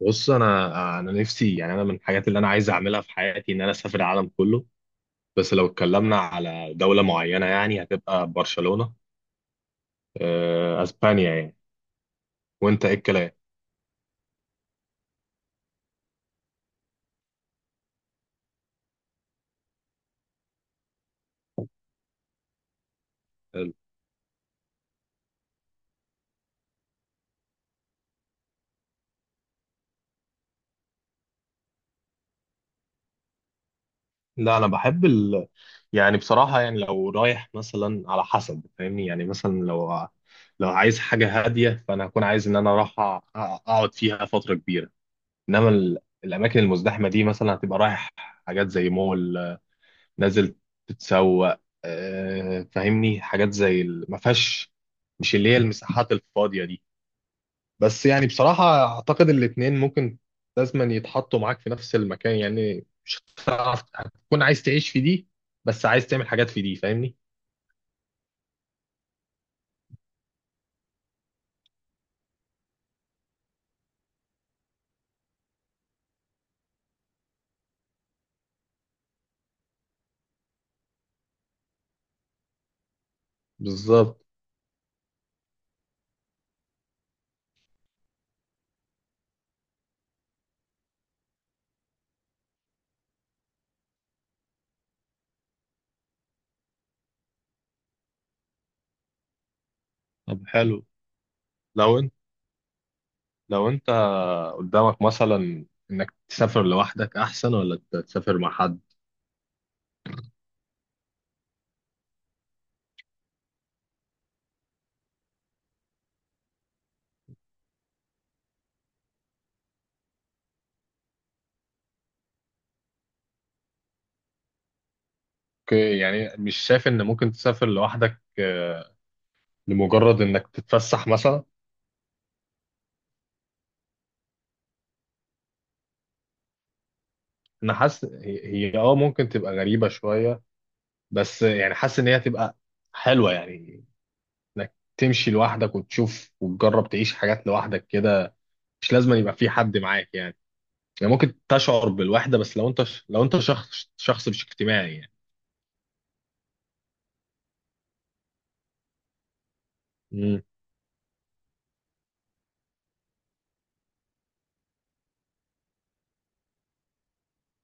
بص انا نفسي، يعني انا من الحاجات اللي انا عايز اعملها في حياتي ان انا اسافر العالم كله. بس لو اتكلمنا على دولة معينة يعني هتبقى برشلونة. اسبانيا يعني. وانت ايه الكلام؟ لا انا بحب يعني بصراحة، يعني لو رايح مثلا، على حسب، فاهمني، يعني مثلا لو عايز حاجة هادية فانا هكون عايز ان انا راح اقعد فيها فترة كبيرة. انما الاماكن المزدحمة دي مثلا هتبقى رايح حاجات زي مول، نازل تتسوق، فاهمني، حاجات زي ما فيهاش، مش اللي هي المساحات الفاضية دي. بس يعني بصراحة أعتقد الاتنين ممكن لازما يتحطوا معاك في نفس المكان، يعني مش هتعرف هتكون عايز تعيش في دي بس عايز تعمل حاجات في دي، فاهمني. بالظبط طب حلو، لو انت لو انت قدامك مثلا انك تسافر لوحدك احسن ولا تسافر مع حد؟ اوكي، يعني مش شايف ان ممكن تسافر لوحدك لمجرد انك تتفسح مثلا؟ انا حاسس هي، هي اه ممكن تبقى غريبة شوية، بس يعني حاسس ان هي هتبقى حلوة، يعني انك تمشي لوحدك وتشوف وتجرب تعيش حاجات لوحدك كده، مش لازم يبقى في حد معاك يعني. يعني ممكن تشعر بالوحدة بس لو انت، لو انت شخص مش اجتماعي يعني. امم.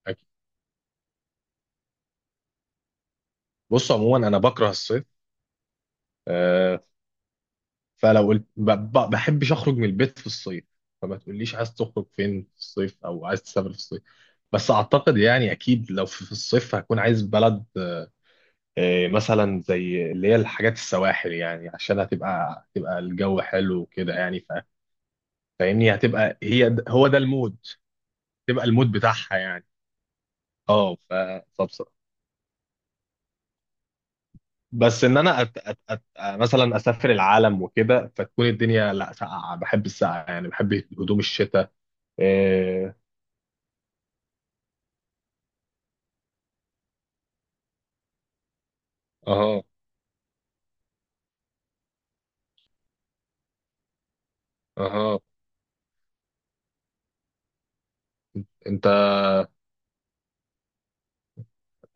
أكيد. بص عموما انا بكره الصيف. آه، فلو قلت بحبش اخرج من البيت في الصيف، فما تقوليش عايز تخرج فين في الصيف او عايز تسافر في الصيف. بس اعتقد، يعني اكيد لو في الصيف هكون عايز بلد، مثلا زي اللي هي الحاجات السواحل يعني، عشان هتبقى الجو حلو وكده يعني، فاهمني، هتبقى هي هو ده المود، تبقى المود بتاعها يعني. اه ف فبصراحة، بس ان انا أت أت أت مثلا اسافر العالم وكده، فتكون الدنيا لا، ساقعه، بحب السقعه يعني، بحب هدوم الشتاء. إيه، اها اها انت،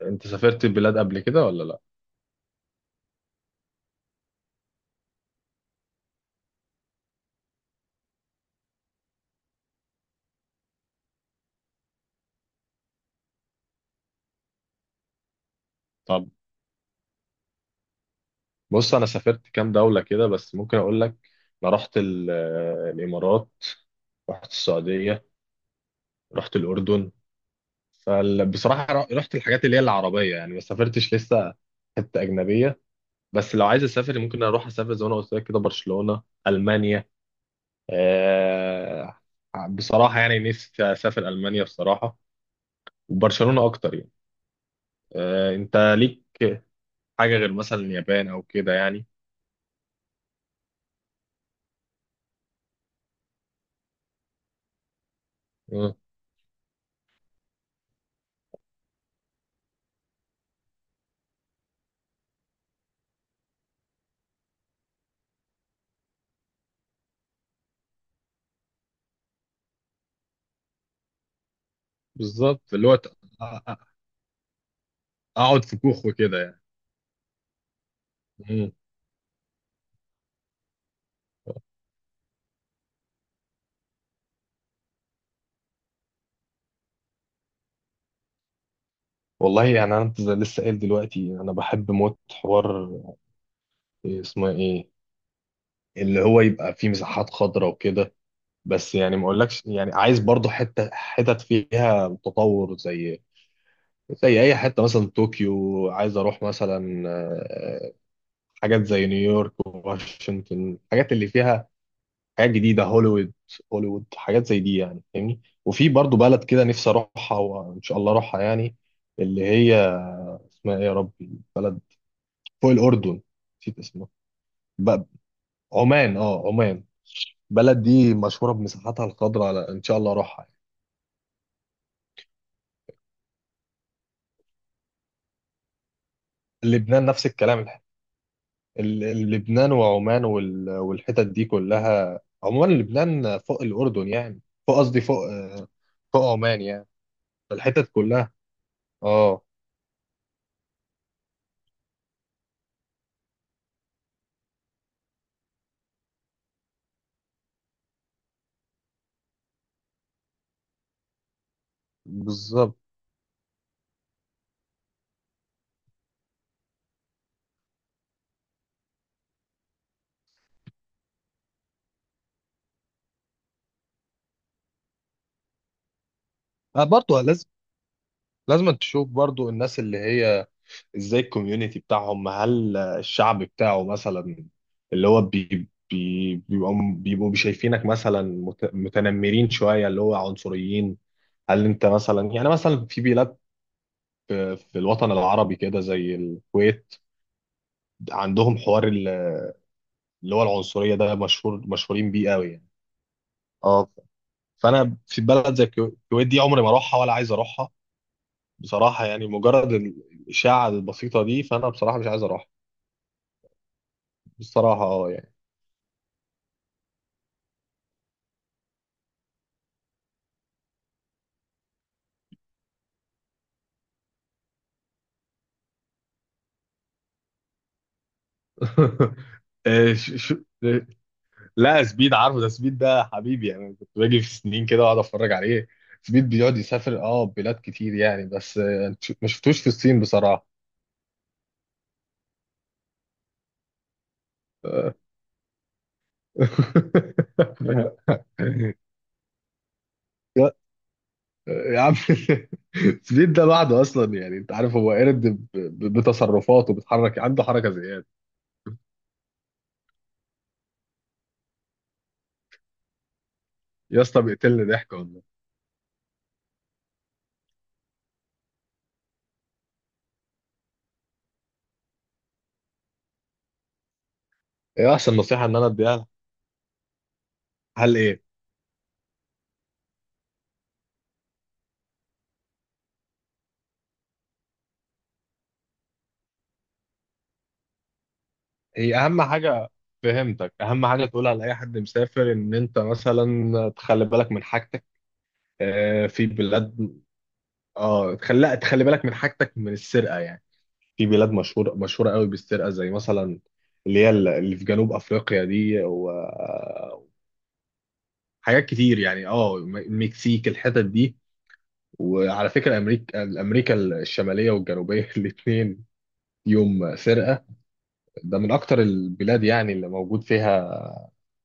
انت سافرت بلاد قبل كده ولا لا؟ بص انا سافرت كام دولة كده، بس ممكن اقول لك. انا رحت الامارات، رحت السعودية، رحت الاردن. فبصراحة رحت الحاجات اللي هي العربية يعني، ما سافرتش لسه حتة اجنبية. بس لو عايز اسافر ممكن اروح اسافر زي ما انا قلت لك كده، برشلونة، المانيا، آه، بصراحة يعني نفسي اسافر المانيا بصراحة، وبرشلونة اكتر يعني. انت ليك حاجة غير مثلا اليابان او كده يعني؟ آه، بالظبط، اللي هو اقعد في كوخ وكده يعني. مم. والله يعني انا زي لسه قايل دلوقتي، انا بحب موت حوار، إيه اسمه، ايه اللي هو يبقى فيه مساحات خضراء وكده. بس يعني ما اقولكش، يعني عايز برضو حته، حتت فيها تطور زي زي اي حته، مثلا طوكيو، عايز اروح مثلا حاجات زي نيويورك وواشنطن، الحاجات اللي فيها حاجات جديده، هوليوود، هوليوود، حاجات زي دي يعني، فاهمني. وفي برضو بلد كده نفسي اروحها وان شاء الله اروحها يعني، اللي هي، اسمها ايه يا ربي؟ بلد فوق الأردن، نسيت اسمها. ب- عمان، اه عمان. بلد دي مشهورة بمساحاتها الخضراء، على، إن شاء الله أروحها يعني. لبنان نفس الكلام، لبنان وعمان والحتت دي كلها عموما، لبنان فوق الأردن يعني، فوق، قصدي فوق فوق عمان يعني، الحتت كلها. اه. بالظبط. آه برضو لازم، لازم تشوف برضو الناس اللي هي ازاي الكوميونتي بتاعهم، هل الشعب بتاعه مثلا اللي هو بي بي بيبقوا شايفينك مثلا متنمرين شوية، اللي هو عنصريين. هل انت مثلا، يعني مثلا في بلاد، في الوطن العربي كده زي الكويت، عندهم حوار اللي هو العنصرية ده، مشهور، مشهورين بيه قوي يعني. اه. فانا في بلد زي الكويت دي عمري ما اروحها ولا عايز اروحها بصراحة يعني، مجرد الإشاعة البسيطة دي، فأنا بصراحة مش عايز أروح. بصراحة اه يعني. آه، ش... ش... لا، سبيد عارفه، ده سبيد ده حبيبي يعني، كنت باجي في سنين كده واقعد اتفرج عليه. سبيد بيقعد يسافر اه بلاد كتير يعني، بس أنت ما شفتوش في الصين بصراحة. آه. يا يا عم سبيد ده لوحده اصلا، يعني انت عارف هو قرد بتصرفاته، بيتحرك، عنده حركة زيادة. يا اسطى بيقتلني ضحك والله. ايه احسن نصيحة ان انا اديها لها؟ هل ايه؟ هي اهم حاجه، فهمتك، اهم حاجه تقولها لاي حد مسافر ان انت مثلا تخلي بالك من حاجتك في بلاد. اه، تخلي بالك من حاجتك من السرقه يعني، في بلاد مشهوره، مشهوره قوي بالسرقه زي مثلا اللي هي اللي في جنوب افريقيا دي، وحاجات كتير يعني. اه المكسيك، الحتت دي. وعلى فكره امريكا، امريكا الشماليه والجنوبيه الاثنين، يوم سرقه. ده من اكتر البلاد يعني اللي موجود فيها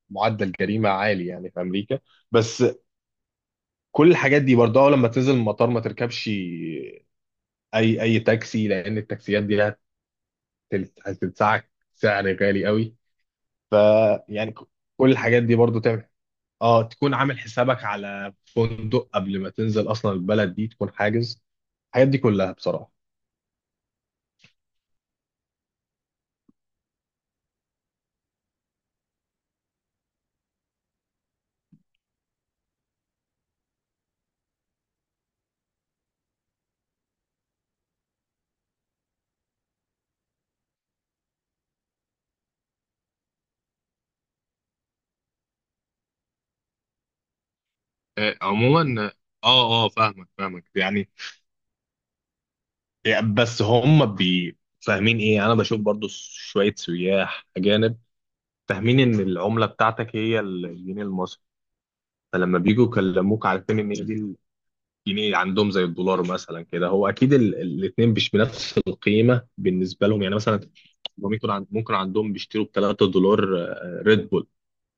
معدل جريمه عالي يعني، في امريكا. بس كل الحاجات دي برضه، أول لما تنزل المطار ما تركبش اي تاكسي لان التاكسيات دي هتدفعك سعر غالي قوي. ف، يعني كل الحاجات دي برضه تعمل، اه، تكون عامل حسابك على فندق قبل ما تنزل اصلا البلد دي، تكون حاجز الحاجات دي كلها بصراحه. عموما اه، اه، فاهمك يعني. يعني بس هم بي فاهمين ايه، انا بشوف برضو شويه سياح اجانب فاهمين ان العمله بتاعتك هي الجنيه المصري، فلما بيجوا يكلموك عارفين ان هي دي الجنيه عندهم زي الدولار مثلا كده. هو اكيد الاثنين مش بنفس القيمه بالنسبه لهم يعني، مثلا هم ممكن ممكن عندهم بيشتروا ب 3 دولار ريد بول،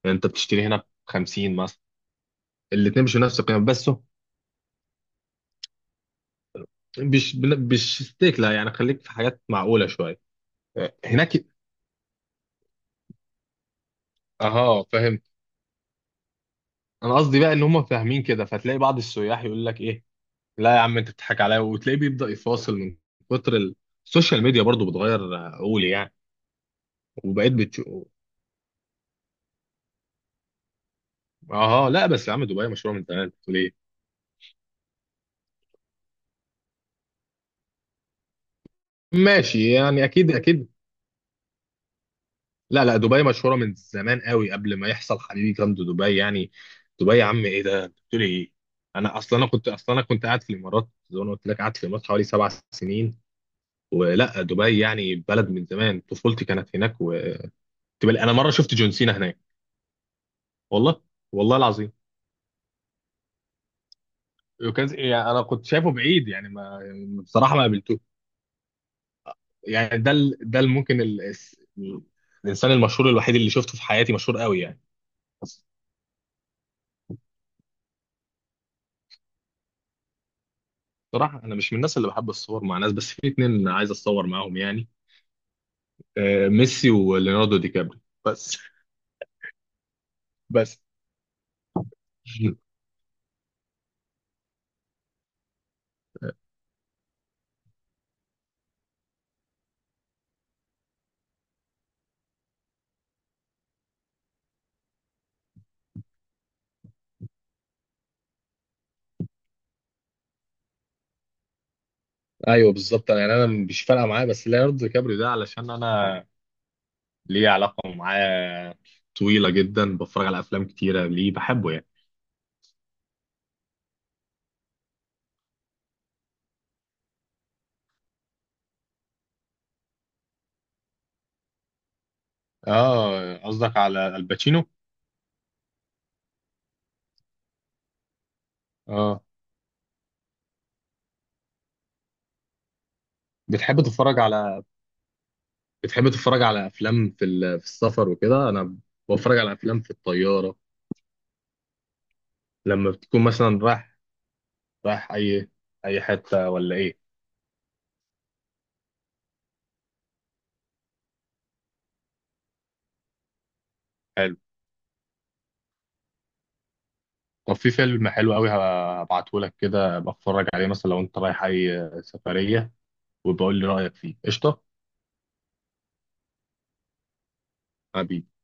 يعني انت بتشتري هنا ب 50 مثلا. الاثنين مش بنفس القيمه، بس هو مش ستيك، لا يعني خليك في حاجات معقوله شويه. هناك، اها، فهمت. انا قصدي بقى ان هم فاهمين كده، فتلاقي بعض السياح يقول لك ايه، لا يا عم انت بتضحك عليا، وتلاقيه بيبدأ يفاصل من كتر السوشيال ميديا برضو بتغير عقولي يعني، وبقيت بتشوف. اه لا بس يا عم دبي مشهورة من زمان، بتقول ايه؟ ماشي يعني، اكيد اكيد. لا لا، دبي مشهورة من زمان قوي قبل ما يحصل حبيبي جامد دبي يعني. دبي يا عم ايه ده، بتقول ايه؟ انا اصلا انا كنت اصلا انا كنت قاعد في الامارات زي ما أنا قلت لك، قاعد في الامارات حوالي 7 سنين. ولا دبي يعني بلد من زمان طفولتي كانت هناك، و... انا مره شفت جون سينا هناك. والله، والله العظيم. وكان يعني انا كنت شايفه بعيد يعني، ما يعني بصراحه ما قابلتوش يعني. ده الانسان المشهور الوحيد اللي شفته في حياتي، مشهور قوي يعني. بصراحه انا مش من الناس اللي بحب الصور مع ناس، بس في اتنين عايز اتصور معاهم يعني، ميسي وليوناردو دي كابري بس. بس ايوه بالظبط، يعني انا مش فارقه معايا، بس ليوناردو دي كابري ده علشان انا ليه علاقه معاه طويله جدا، بتفرج على افلام كتيره ليه، بحبه يعني. اه قصدك على الباتشينو. اه. بتحب تتفرج على، بتحب تتفرج على افلام في في السفر وكده؟ انا بتفرج على افلام في الطياره لما بتكون مثلا رايح، رايح اي حته ولا ايه؟ حلو. طب في فيلم حلو قوي هبعته لك كده بتفرج عليه مثلا لو انت رايح اي سفريه، وبقول لي رايك فيه، قشطه؟ حبيبي.